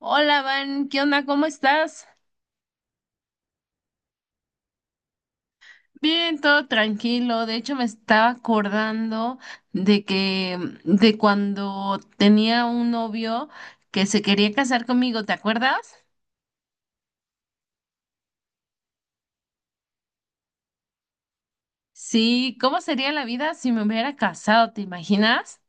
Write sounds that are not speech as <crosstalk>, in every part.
Hola, Van, ¿qué onda? ¿Cómo estás? Bien, todo tranquilo. De hecho, me estaba acordando de que de cuando tenía un novio que se quería casar conmigo, ¿te acuerdas? Sí, ¿cómo sería la vida si me hubiera casado? ¿Te imaginas?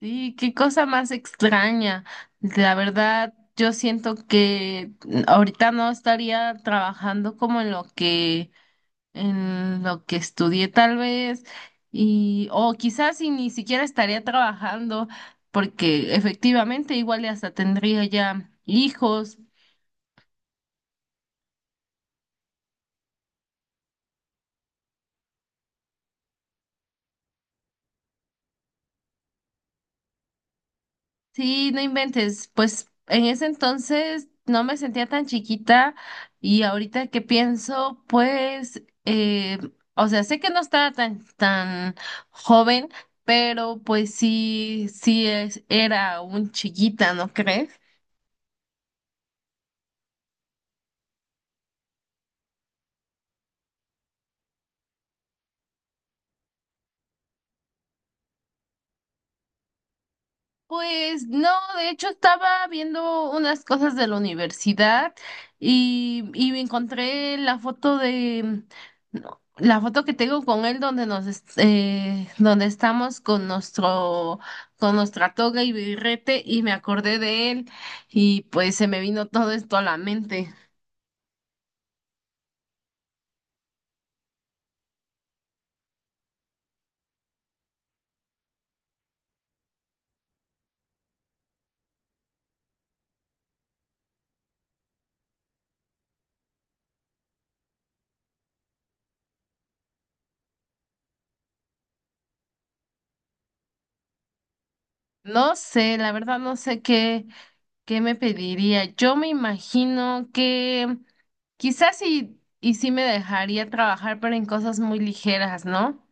Sí, qué cosa más extraña. La verdad, yo siento que ahorita no estaría trabajando como en lo que estudié tal vez, y o quizás si ni siquiera estaría trabajando, porque efectivamente igual y hasta tendría ya hijos. Sí, no inventes, pues en ese entonces no me sentía tan chiquita y ahorita que pienso, pues, o sea, sé que no estaba tan joven, pero pues sí, era un chiquita, ¿no crees? Pues no, de hecho estaba viendo unas cosas de la universidad y me encontré la foto de no, la foto que tengo con él donde donde estamos con nuestra toga y birrete y me acordé de él y pues se me vino todo esto a la mente. No sé, la verdad no sé qué ¿Qué me pediría? Yo me imagino que quizás sí, y sí me dejaría trabajar, pero en cosas muy ligeras, ¿no?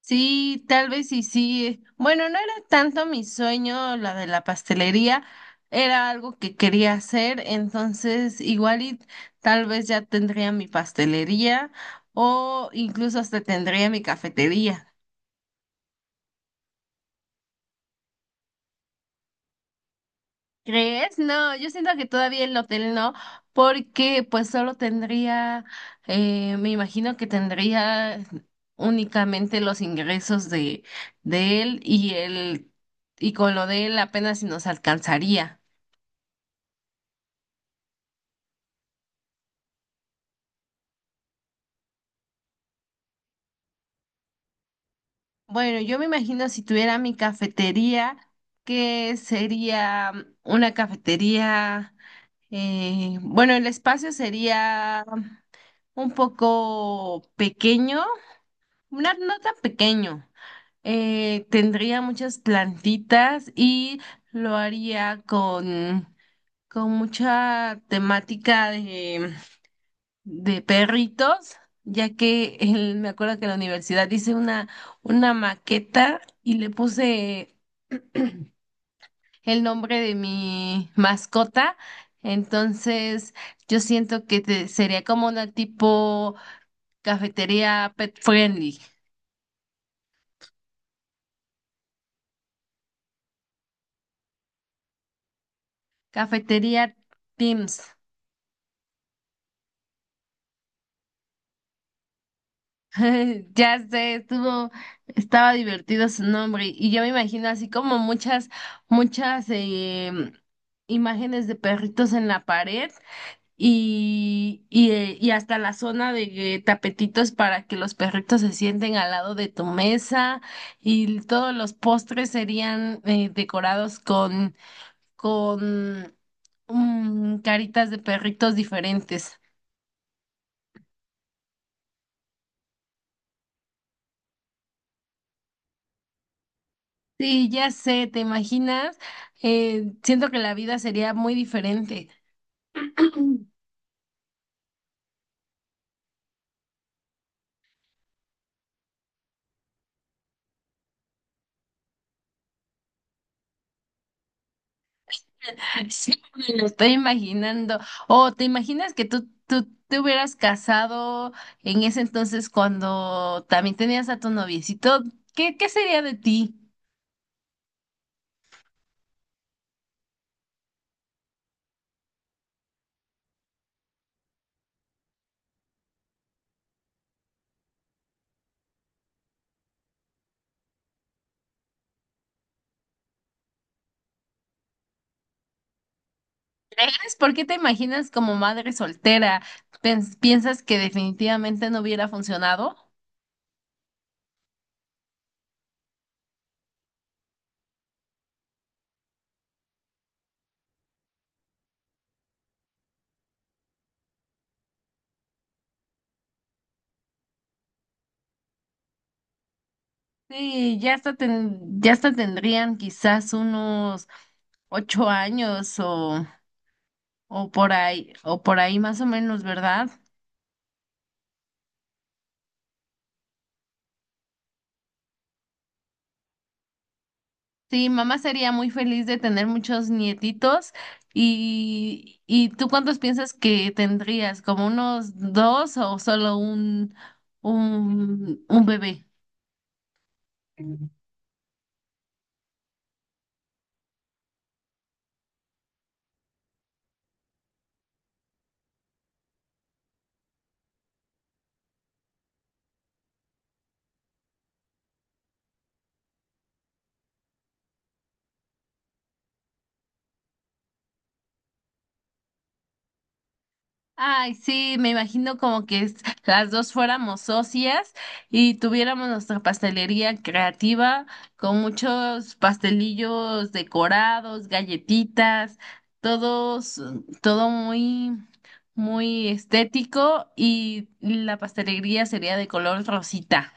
Sí, tal vez y sí. Bueno, no era tanto mi sueño la de la pastelería, era algo que quería hacer, entonces igual y tal vez ya tendría mi pastelería o incluso hasta tendría mi cafetería. ¿Crees? No, yo siento que todavía el hotel no, porque pues solo tendría, me imagino que tendría únicamente los ingresos de, de él y él, y con lo de él apenas si nos alcanzaría. Bueno, yo me imagino si tuviera mi cafetería, que sería una cafetería, bueno, el espacio sería un poco pequeño, no tan pequeño. Tendría muchas plantitas y lo haría con mucha temática de perritos, ya que me acuerdo que en la universidad hice una maqueta y le puse el nombre de mi mascota. Entonces, yo siento que sería como una tipo cafetería pet friendly, cafetería Teams. <laughs> Ya sé, estaba divertido su nombre y yo me imagino así como muchas imágenes de perritos en la pared y y hasta la zona de tapetitos para que los perritos se sienten al lado de tu mesa y todos los postres serían decorados con, con caritas de perritos diferentes. Sí, ya sé, ¿te imaginas? Siento que la vida sería muy diferente. <laughs> Sí, me lo estoy imaginando. O te imaginas que tú te hubieras casado en ese entonces cuando también tenías a tu noviecito. ¿ qué sería de ti? ¿Sabes por qué te imaginas como madre soltera? ¿Piensas que definitivamente no hubiera funcionado? Sí, ya hasta ya hasta tendrían quizás unos ocho años o por ahí más o menos, ¿verdad? Sí, mamá sería muy feliz de tener muchos nietitos. Y tú cuántos piensas que tendrías? ¿Como unos dos o solo un bebé? Ay, sí, me imagino como que las dos fuéramos socias y tuviéramos nuestra pastelería creativa con muchos pastelillos decorados, galletitas, todos, todo muy estético y la pastelería sería de color rosita.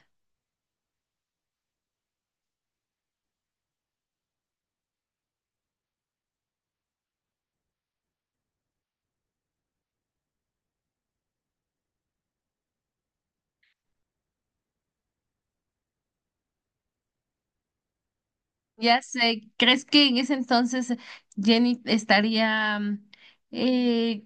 Ya sé, ¿crees que en ese entonces Jenny estaría eh,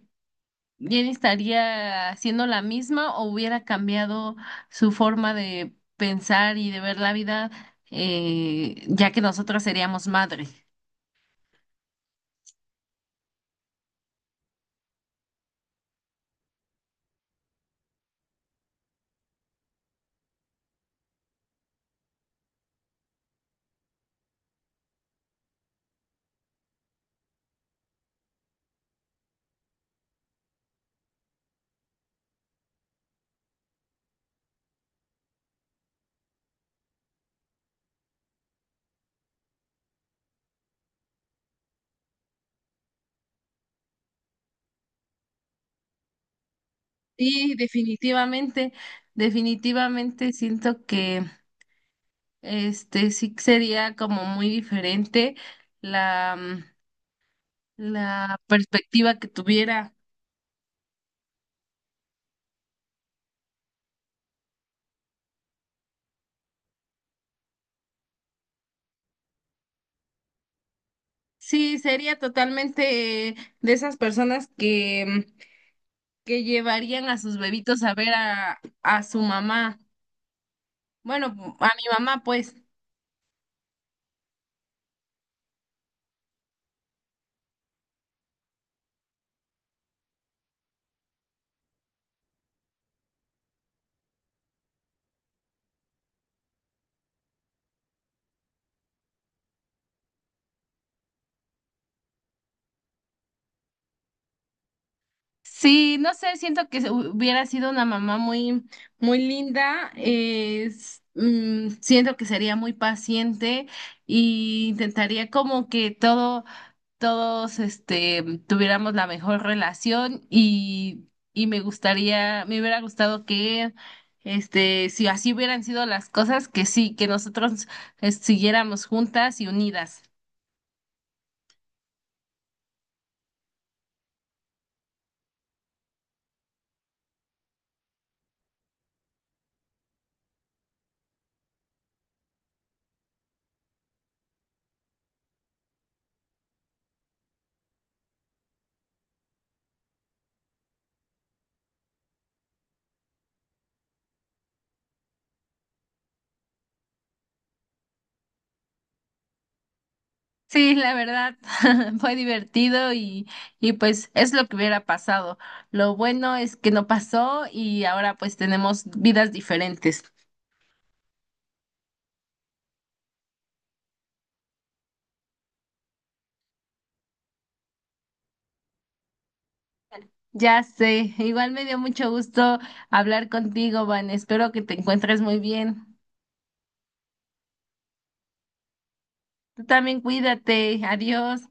y él estaría haciendo la misma o hubiera cambiado su forma de pensar y de ver la vida, ya que nosotros seríamos madre. Sí, definitivamente siento que este sí sería como muy diferente la, mm, la perspectiva que tuviera. Sí, sería totalmente de esas personas que llevarían a sus bebitos a ver a su mamá. Bueno, a mi mamá, pues. Sí, no sé, siento que hubiera sido una mamá muy linda. Es, siento que sería muy paciente y intentaría como que todos, este, tuviéramos la mejor relación y me gustaría, me hubiera gustado que, este, si así hubieran sido las cosas, que sí, que nosotros, siguiéramos juntas y unidas. Sí, la verdad, <laughs> fue divertido y pues es lo que hubiera pasado. Lo bueno es que no pasó y ahora pues tenemos vidas diferentes. Ya sé, igual me dio mucho gusto hablar contigo, Van. Espero que te encuentres muy bien. Tú también cuídate. Adiós.